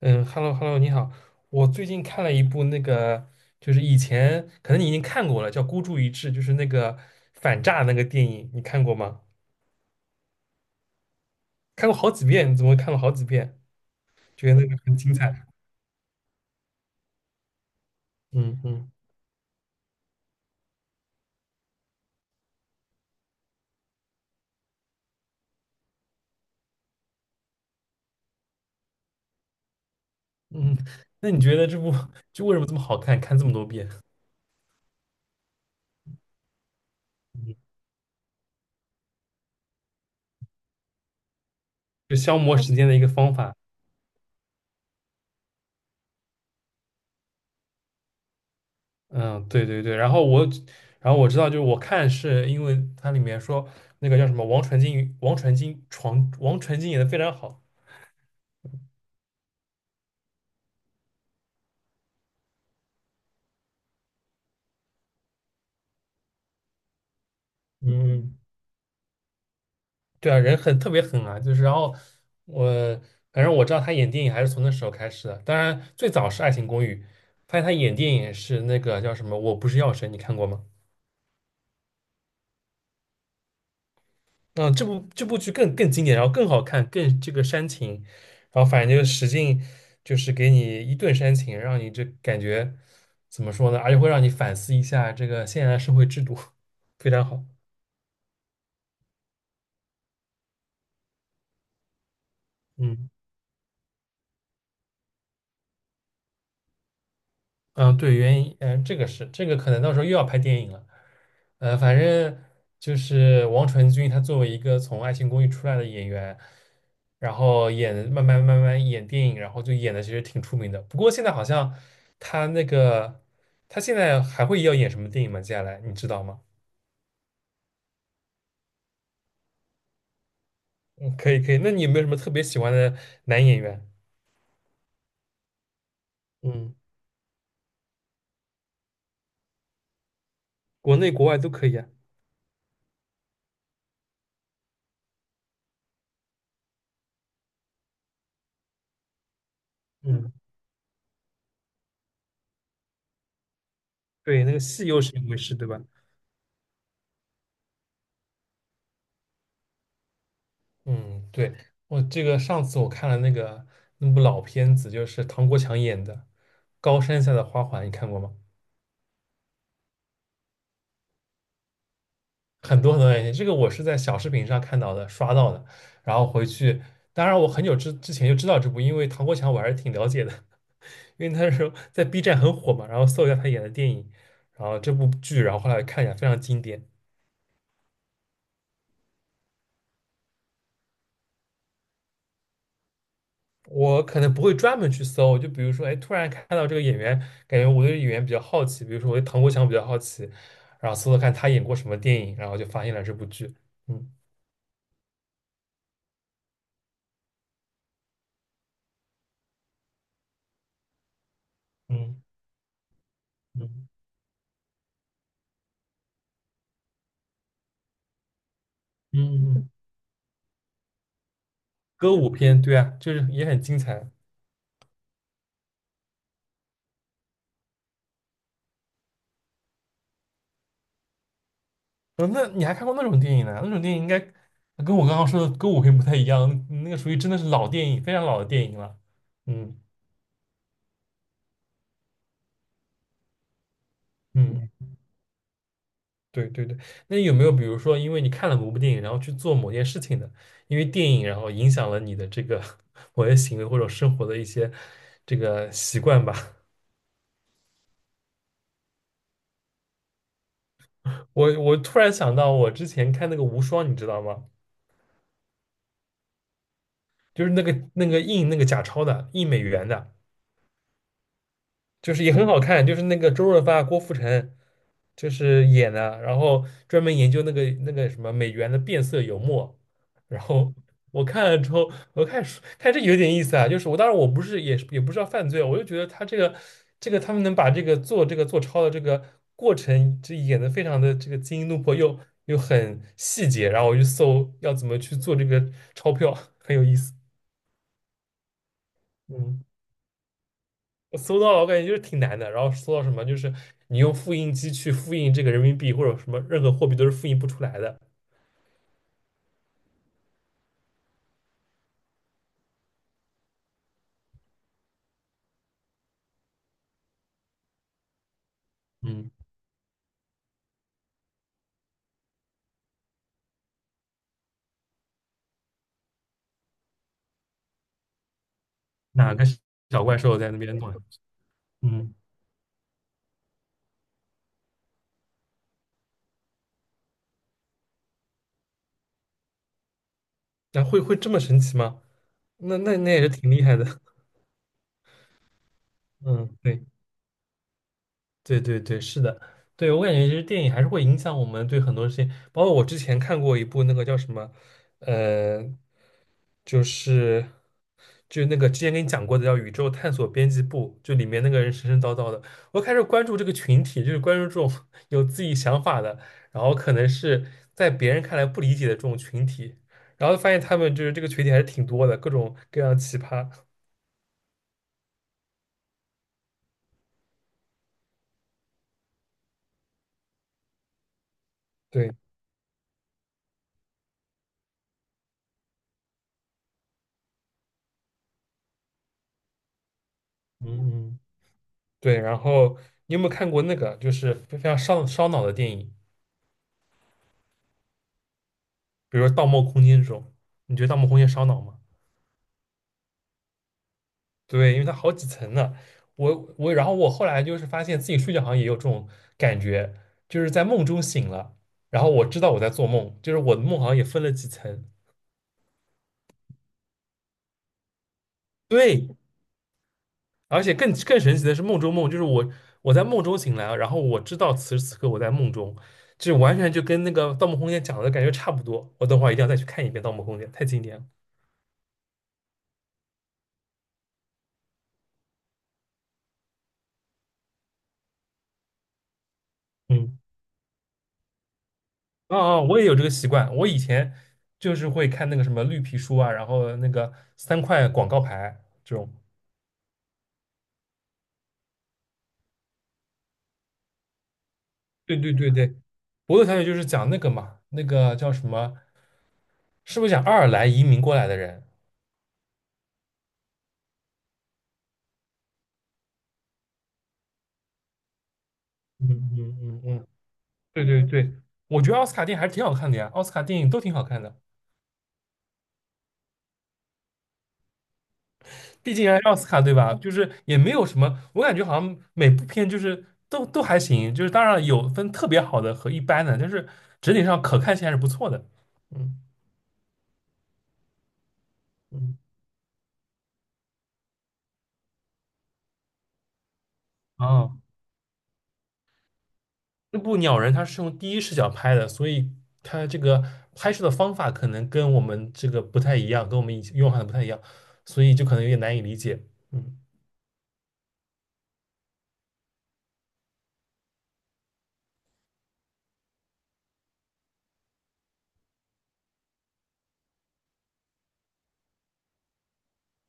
嗯，hello hello，你好。我最近看了一部那个，就是以前可能你已经看过了，叫《孤注一掷》，就是那个反诈那个电影，你看过吗？看过好几遍，你怎么看了好几遍？觉得那个很精彩。嗯嗯嗯，那你觉得这部就为什么这么好看？看这么多遍，嗯就消磨时间的一个方法。嗯，对对对。然后我，知道，就是我看是因为它里面说那个叫什么王传君演的非常好。嗯。对啊，人很特别狠啊，就是然后我反正我知道他演电影还是从那时候开始的，当然最早是《爱情公寓》，发现他演电影也是那个叫什么《我不是药神》，你看过吗？嗯，这部剧更经典，然后更好看，更这个煽情，然后反正就是使劲就是给你一顿煽情，让你这感觉怎么说呢？而且会让你反思一下这个现在的社会制度，非常好。嗯嗯，对，原因，这个是这个可能到时候又要拍电影了。反正就是王传君，他作为一个从《爱情公寓》出来的演员，然后演慢慢演电影，然后就演的其实挺出名的。不过现在好像他那个他现在还会要演什么电影吗？接下来你知道吗？嗯，可以可以。那你有没有什么特别喜欢的男演员？嗯，国内国外都可以啊。嗯，对，那个戏又是一回事，对吧？嗯，对，我这个上次我看了那个那部老片子，就是唐国强演的《高山下的花环》，你看过吗？很多很多年前，这个我是在小视频上看到的，刷到的，然后回去，当然我很久之前就知道这部，因为唐国强我还是挺了解的，因为他是在 B 站很火嘛，然后搜一下他演的电影，然后这部剧，然后后来看一下，非常经典。我可能不会专门去搜，就比如说，哎，突然看到这个演员，感觉我对演员比较好奇，比如说我对唐国强比较好奇，然后搜搜看他演过什么电影，然后就发现了这部剧。嗯嗯嗯嗯，嗯歌舞片，对啊，就是也很精彩。嗯，那你还看过那种电影呢？那种电影应该跟我刚刚说的歌舞片不太一样，那个属于真的是老电影，非常老的电影了。嗯嗯。对对对，那有没有比如说，因为你看了某部电影，然后去做某件事情的，因为电影然后影响了你的这个 某些行为或者生活的一些这个习惯吧？我突然想到，我之前看那个《无双》，你知道吗？就是那个印那个假钞的，印美元的。就是也很好看，就是那个周润发、郭富城就是演的，然后专门研究那个什么美元的变色油墨，然后我看了之后，我看看这有点意思啊，就是我当然不是也是也不知道犯罪啊，我就觉得他这个他们能把这个做这个做钞的这个过程，这演的非常的这个惊心动魄又很细节，然后我就搜要怎么去做这个钞票，很有意思，嗯。我搜到了，我感觉就是挺难的。然后搜到什么，就是你用复印机去复印这个人民币或者什么任何货币都是复印不出来的。嗯，哪个小怪兽在那边弄嗯，那会这么神奇吗？那也是挺厉害的。嗯，对。对对对，是的，对，我感觉其实电影还是会影响我们对很多事情，包括我之前看过一部那个叫什么，呃，就是那个之前跟你讲过的叫《宇宙探索编辑部》，就里面那个人神神叨叨的，我开始关注这个群体，就是关注这种 有自己想法的，然后可能是在别人看来不理解的这种群体，然后发现他们就是这个群体还是挺多的，各种各样奇葩，对，嗯嗯。对，然后你有没有看过那个就是非常烧脑的电影，比如说《盗梦空间》这种？你觉得《盗梦空间》烧脑吗？对，因为它好几层呢。然后我后来就是发现自己睡觉好像也有这种感觉，就是在梦中醒了，然后我知道我在做梦，就是我的梦好像也分了几层。对，而且更神奇的是梦中梦，就是我在梦中醒来，然后我知道此时此刻我在梦中，就完全就跟那个《盗梦空间》讲的感觉差不多。我等会儿一定要再去看一遍《盗梦空间》，太经典了。嗯。哦哦，我也有这个习惯。我以前就是会看那个什么绿皮书啊，然后那个三块广告牌这种。对对对对，伯乐小姐就是讲那个嘛，那个叫什么？是不是讲爱尔兰移民过来的人？嗯嗯嗯嗯，对对对，我觉得奥斯卡电影还是挺好看的呀，奥斯卡电影都挺好看的，毕竟还是奥斯卡对吧？就是也没有什么，我感觉好像每部片就是都还行，就是当然有分特别好的和一般的，但是整体上可看性还是不错的。嗯嗯。啊，那部《鸟人》它是用第一视角拍的，所以它这个拍摄的方法可能跟我们这个不太一样，跟我们以前用法的不太一样，所以就可能有点难以理解。嗯，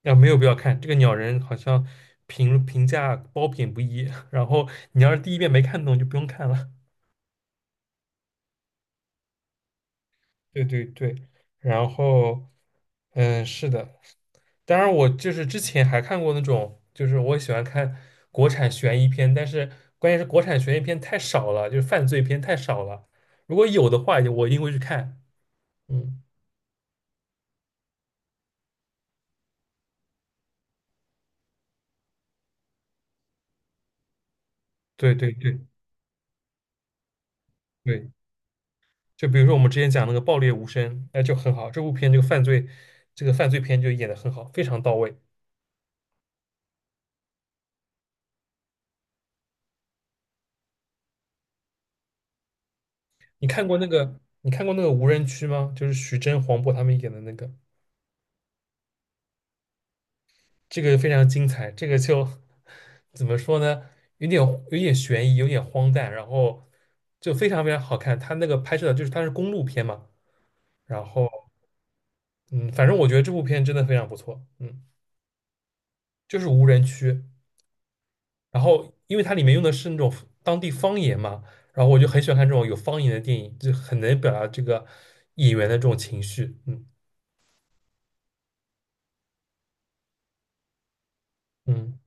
啊，没有必要看这个《鸟人》，好像评价褒贬不一。然后你要是第一遍没看懂，就不用看了。对对对，然后，是的，当然，我就是之前还看过那种，就是我喜欢看国产悬疑片，但是关键是国产悬疑片太少了，就是犯罪片太少了。如果有的话，我一定会去看。嗯，对对对对，就比如说我们之前讲那个《爆裂无声》，那就很好，这部片这个犯罪，这个犯罪片就演得很好，非常到位。你看过那个《无人区》吗？就是徐峥、黄渤他们演的那个。这个非常精彩，这个就 怎么说呢？有点有点悬疑，有点荒诞，然后就非常非常好看。它那个拍摄的就是它是公路片嘛，然后嗯，反正我觉得这部片真的非常不错，就是无人区，然后因为它里面用的是那种当地方言嘛，然后我就很喜欢看这种有方言的电影，就很能表达这个演员的这种情绪，嗯嗯。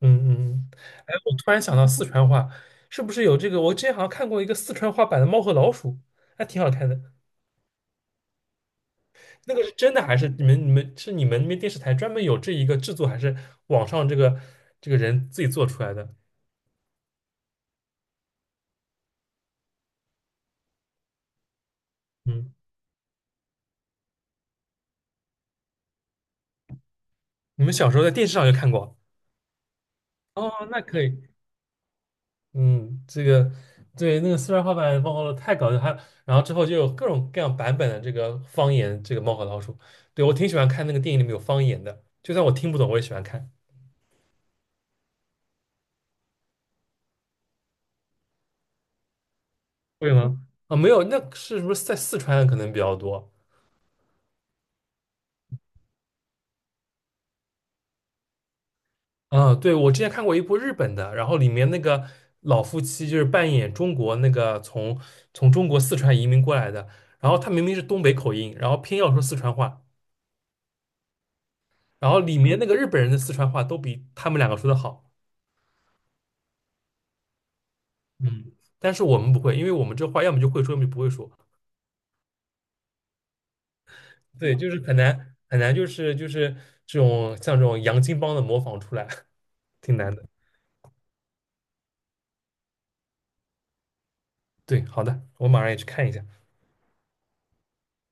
嗯嗯，嗯，哎，我突然想到四川话，是不是有这个？我之前好像看过一个四川话版的《猫和老鼠》，还挺好看的。那个是真的还是你们那边电视台专门有这一个制作，还是网上这个人自己做出来的？嗯，你们小时候在电视上就看过？哦，那可以。嗯，这个对那个四川话版《的猫和老鼠》太搞笑，还有然后之后就有各种各样版本的这个方言，这个《猫和老鼠》。对，我挺喜欢看那个电影里面有方言的，就算我听不懂，我也喜欢看。会吗？啊，没有，那是不是在四川可能比较多？啊，对，我之前看过一部日本的，然后里面那个老夫妻就是扮演中国那个从中国四川移民过来的，然后他明明是东北口音，然后偏要说四川话，然后里面那个日本人的四川话都比他们两个说的好，嗯，但是我们不会，因为我们这话要么就会说，要么就不会说，对，就是很难很难，就是这种像这种洋泾浜的模仿出来，挺难的。对，好的，我马上也去看一下。